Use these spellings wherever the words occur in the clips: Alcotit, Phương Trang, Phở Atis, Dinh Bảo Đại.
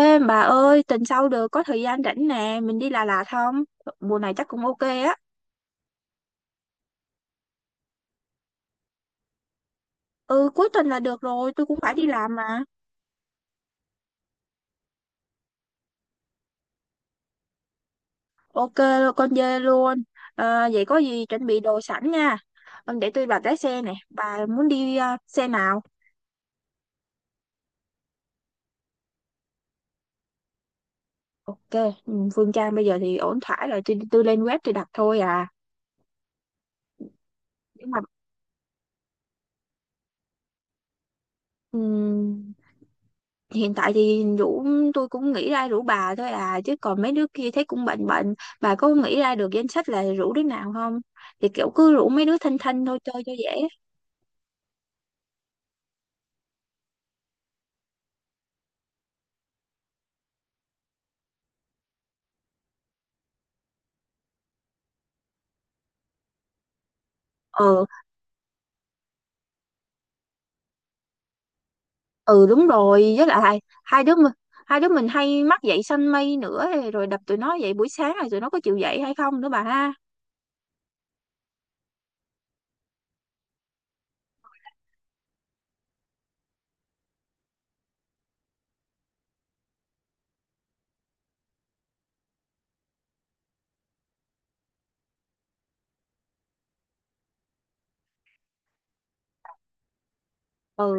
Ê bà ơi, tuần sau được có thời gian rảnh nè, mình đi Đà Lạt không? Mùa này chắc cũng ok á. Ừ, cuối tuần là được rồi, tôi cũng phải đi làm mà. Ok, con dê luôn. Ờ, vậy có gì chuẩn bị đồ sẵn nha. Ờ, để tôi bảo lái xe nè, bà muốn đi xe nào? Ok, ừ, Phương Trang bây giờ thì ổn thỏa rồi, tôi lên web tôi đặt thôi à. Nhưng mà hiện tại thì rủ tôi cũng nghĩ ra rủ bà thôi à, chứ còn mấy đứa kia thấy cũng bệnh bệnh. Bà có nghĩ ra được danh sách là rủ đứa nào không? Thì kiểu cứ rủ mấy đứa thanh thanh thôi chơi cho dễ. Ừ, ừ, đúng rồi, với lại hai đứa mình hai đứa mình hay mắc dậy sanh mây nữa, rồi đập tụi nó dậy buổi sáng rồi tụi nó có chịu dậy hay không nữa bà ha. Ừ,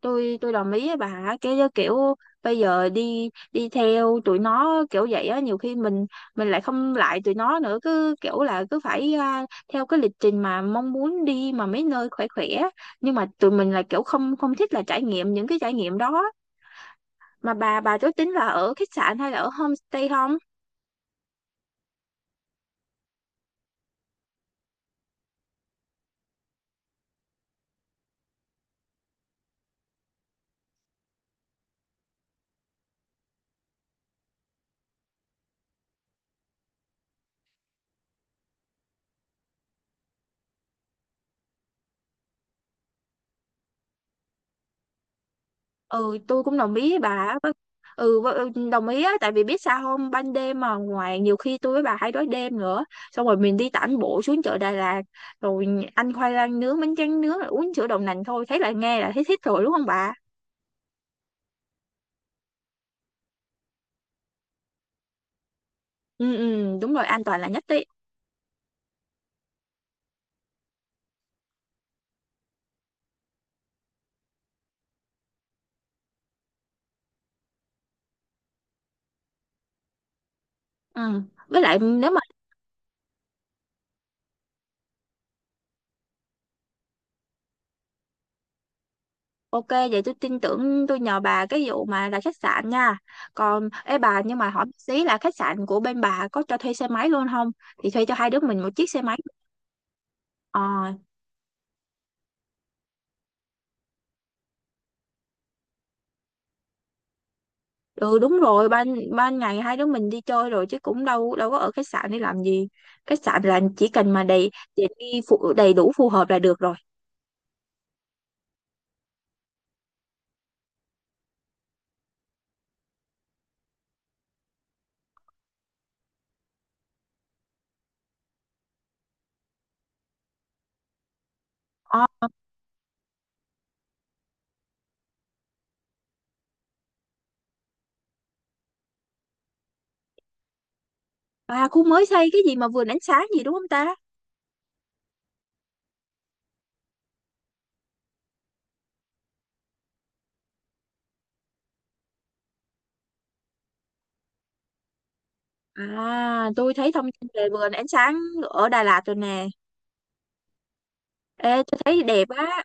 tôi đồng ý với bà. Cái kiểu bây giờ đi đi theo tụi nó kiểu vậy á, nhiều khi mình lại không lại tụi nó nữa, cứ kiểu là cứ phải theo cái lịch trình mà mong muốn đi mà mấy nơi khỏe khỏe, nhưng mà tụi mình là kiểu không không thích là trải nghiệm những cái trải nghiệm đó. Mà bà có tính là ở khách sạn hay là ở homestay không? Ừ, tôi cũng đồng ý với bà á. Ừ, đồng ý á, tại vì biết sao không, ban đêm mà ngoài nhiều khi tôi với bà hay đói đêm nữa, xong rồi mình đi tản bộ xuống chợ Đà Lạt rồi ăn khoai lang nướng, bánh tráng nướng rồi uống sữa đậu nành, thôi thấy là nghe là thấy thích rồi đúng không bà. Ừ, ừ, đúng rồi, an toàn là nhất đấy. Ừ, với lại nếu mà ok vậy tôi tin tưởng, tôi nhờ bà cái vụ mà là khách sạn nha. Còn ê bà, nhưng mà hỏi một xí là khách sạn của bên bà có cho thuê xe máy luôn không, thì thuê cho hai đứa mình một chiếc xe máy. Ờ, ừ đúng rồi, ban ban ngày hai đứa mình đi chơi rồi chứ cũng đâu đâu có ở khách sạn để làm gì, khách sạn là chỉ cần mà đầy tiện nghi phụ đầy đủ phù hợp là được rồi. Ờ, à, khu mới xây cái gì mà vườn ánh sáng gì đúng không ta? À, tôi thấy thông tin về vườn ánh sáng ở Đà Lạt rồi nè. Ê, tôi thấy đẹp á.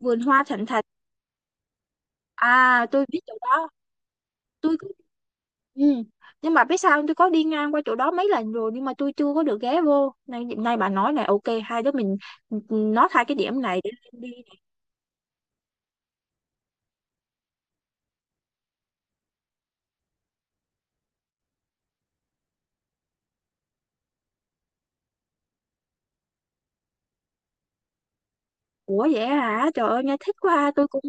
Vườn hoa thịnh thạch. À, tôi biết chỗ đó. tôi có- ừ. Nhưng mà biết sao không? Tôi có đi ngang qua chỗ đó mấy lần rồi nhưng mà tôi chưa có được ghé vô, nay nay bà nói này, ok, hai đứa mình nó hai cái điểm này để đi. Ủa vậy hả? Trời ơi nghe thích quá ha. Tôi cũng,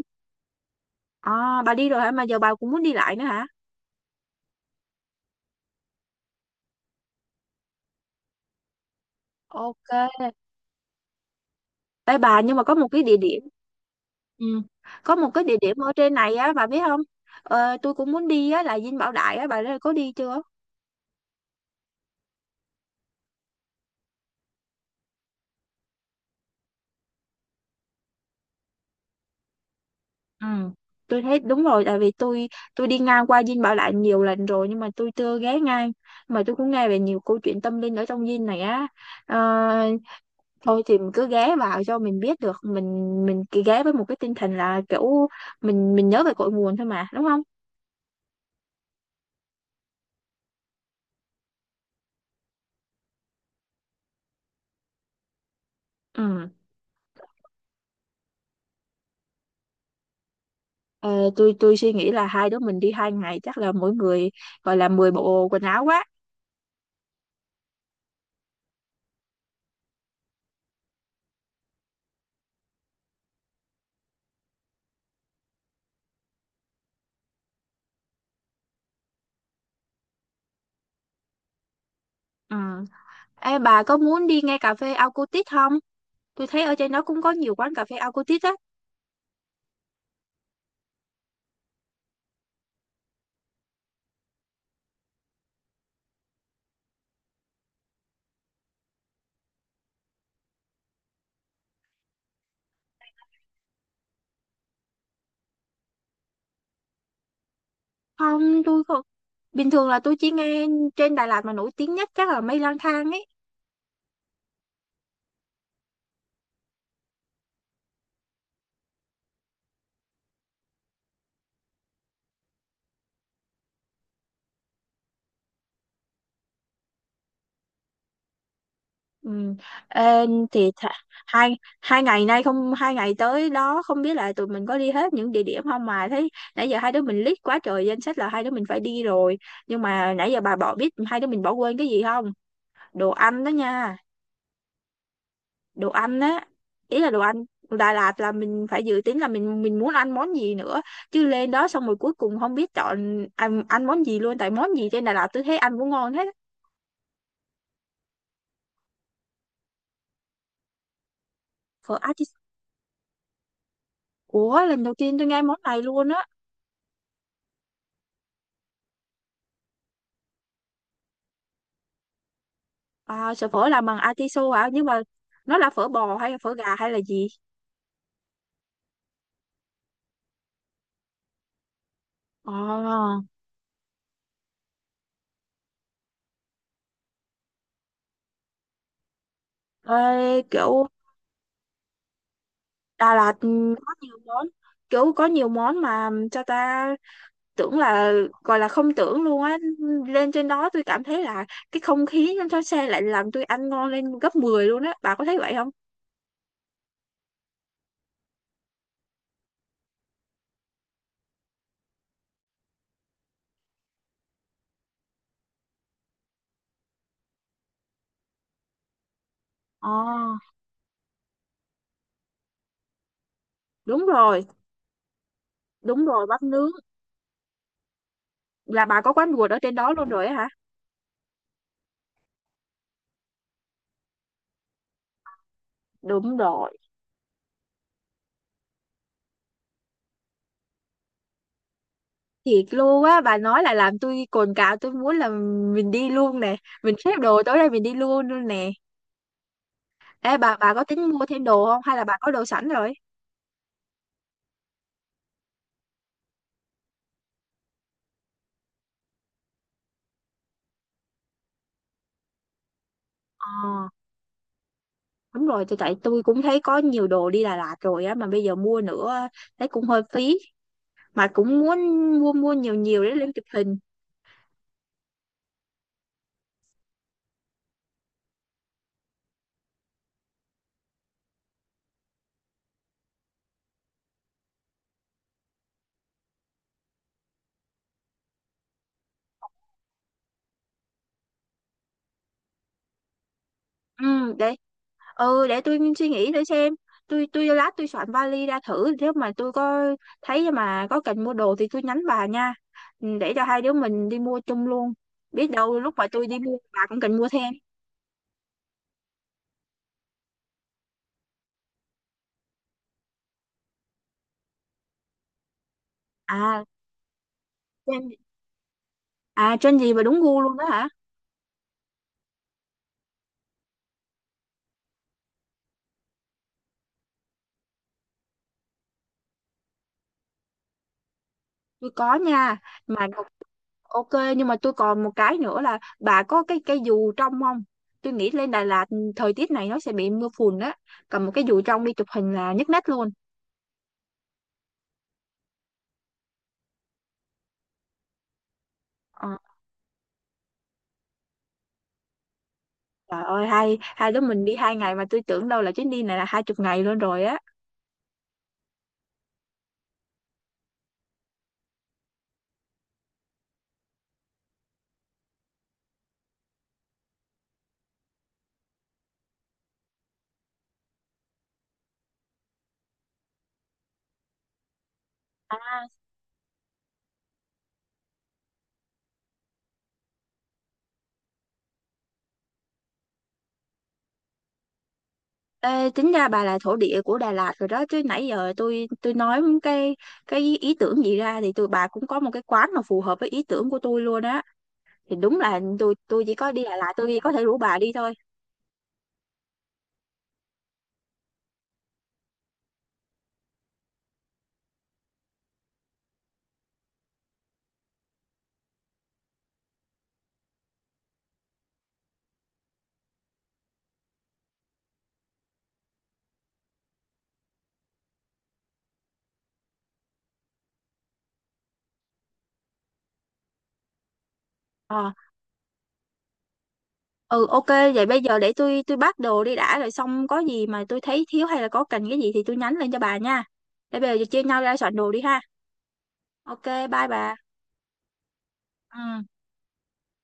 à, bà đi rồi hả, mà giờ bà cũng muốn đi lại nữa hả? Ok. Ê bà, nhưng mà có một cái địa điểm. Ừ. Có một cái địa điểm ở trên này á bà biết không? Ờ, tôi cũng muốn đi á là Dinh Bảo Đại á, bà đã có đi chưa? Ừ. Tôi thấy đúng rồi, tại vì tôi đi ngang qua Dinh Bảo Đại nhiều lần rồi nhưng mà tôi chưa ghé ngang, mà tôi cũng nghe về nhiều câu chuyện tâm linh ở trong Dinh này á. Ờ, thôi thì mình cứ ghé vào cho mình biết được mình cứ ghé với một cái tinh thần là kiểu mình nhớ về cội nguồn thôi mà đúng không. Ừ. Ờ, tôi suy nghĩ là hai đứa mình đi 2 ngày chắc là mỗi người gọi là 10 bộ quần áo quá. Ừ. Ê, bà có muốn đi ngay cà phê Alcotit không, tôi thấy ở trên đó cũng có nhiều quán cà phê Alcotit á. Không, tôi không, bình thường là tôi chỉ nghe trên Đà Lạt mà nổi tiếng nhất chắc là mây lang thang ấy. Ừ. Ê, thì th hai hai ngày nay, không, hai ngày tới đó không biết là tụi mình có đi hết những địa điểm không, mà thấy nãy giờ hai đứa mình list quá trời danh sách là hai đứa mình phải đi rồi, nhưng mà nãy giờ bà bỏ biết hai đứa mình bỏ quên cái gì không? Đồ ăn đó nha. Đồ ăn á. Ý là đồ ăn Đà Lạt là mình phải dự tính là mình muốn ăn món gì nữa, chứ lên đó xong rồi cuối cùng không biết chọn ăn món gì luôn, tại món gì trên Đà Lạt tôi thấy ăn cũng ngon hết. Phở Atis. Ủa lần đầu tiên tôi nghe món này luôn á. À, sợi phở làm bằng atiso hả? Nhưng mà nó là phở bò hay là phở gà hay là gì? Ờ, ê, kiểu Đà Lạt có nhiều món, kiểu có nhiều món mà cho ta tưởng là gọi là không tưởng luôn á. Lên trên đó tôi cảm thấy là cái không khí trên xe lại làm tôi ăn ngon lên gấp 10 luôn á. Bà có thấy vậy không? Ờ, đúng rồi, đúng rồi, bắp nướng. Là bà có quán ruột ở trên đó luôn rồi á hả? Đúng rồi. Thiệt luôn á, bà nói là làm tôi cồn cào, tôi muốn là mình đi luôn nè, mình xếp đồ tối nay mình đi luôn luôn nè. Ê bà có tính mua thêm đồ không hay là bà có đồ sẵn rồi. Ờ đúng rồi, tại tôi cũng thấy có nhiều đồ đi Đà Lạt rồi á mà bây giờ mua nữa thấy cũng hơi phí, mà cũng muốn mua mua nhiều nhiều để lên chụp hình. Ừ đấy, ừ để tôi suy nghĩ thử xem. Tôi lát tôi soạn vali ra thử, nếu mà tôi có thấy mà có cần mua đồ thì tôi nhắn bà nha. Ừ, để cho hai đứa mình đi mua chung luôn, biết đâu lúc mà tôi đi mua bà cũng cần mua thêm. À trend, à trend gì mà đúng gu luôn đó hả? Tôi có nha. mà đọc- ok. Nhưng mà tôi còn một cái nữa là bà có cái dù trong không? Tôi nghĩ lên Đà Lạt thời tiết này nó sẽ bị mưa phùn á, cầm một cái dù trong đi chụp hình là nhất nét luôn. Ờ. Trời ơi hai hai đứa mình đi hai ngày mà tôi tưởng đâu là chuyến đi này là 20 ngày luôn rồi á. À. Ê, tính ra bà là thổ địa của Đà Lạt rồi đó chứ, nãy giờ tôi nói cái ý tưởng gì ra thì tụi bà cũng có một cái quán mà phù hợp với ý tưởng của tôi luôn á. Thì đúng là tôi chỉ có đi Đà Lạt tôi có thể rủ bà đi thôi. Ờ, ừ ok vậy bây giờ để tôi bắt đồ đi đã, rồi xong có gì mà tôi thấy thiếu hay là có cần cái gì thì tôi nhắn lên cho bà nha. Để bây giờ chia nhau ra soạn đồ đi ha. Ok, bye bà. Ừ.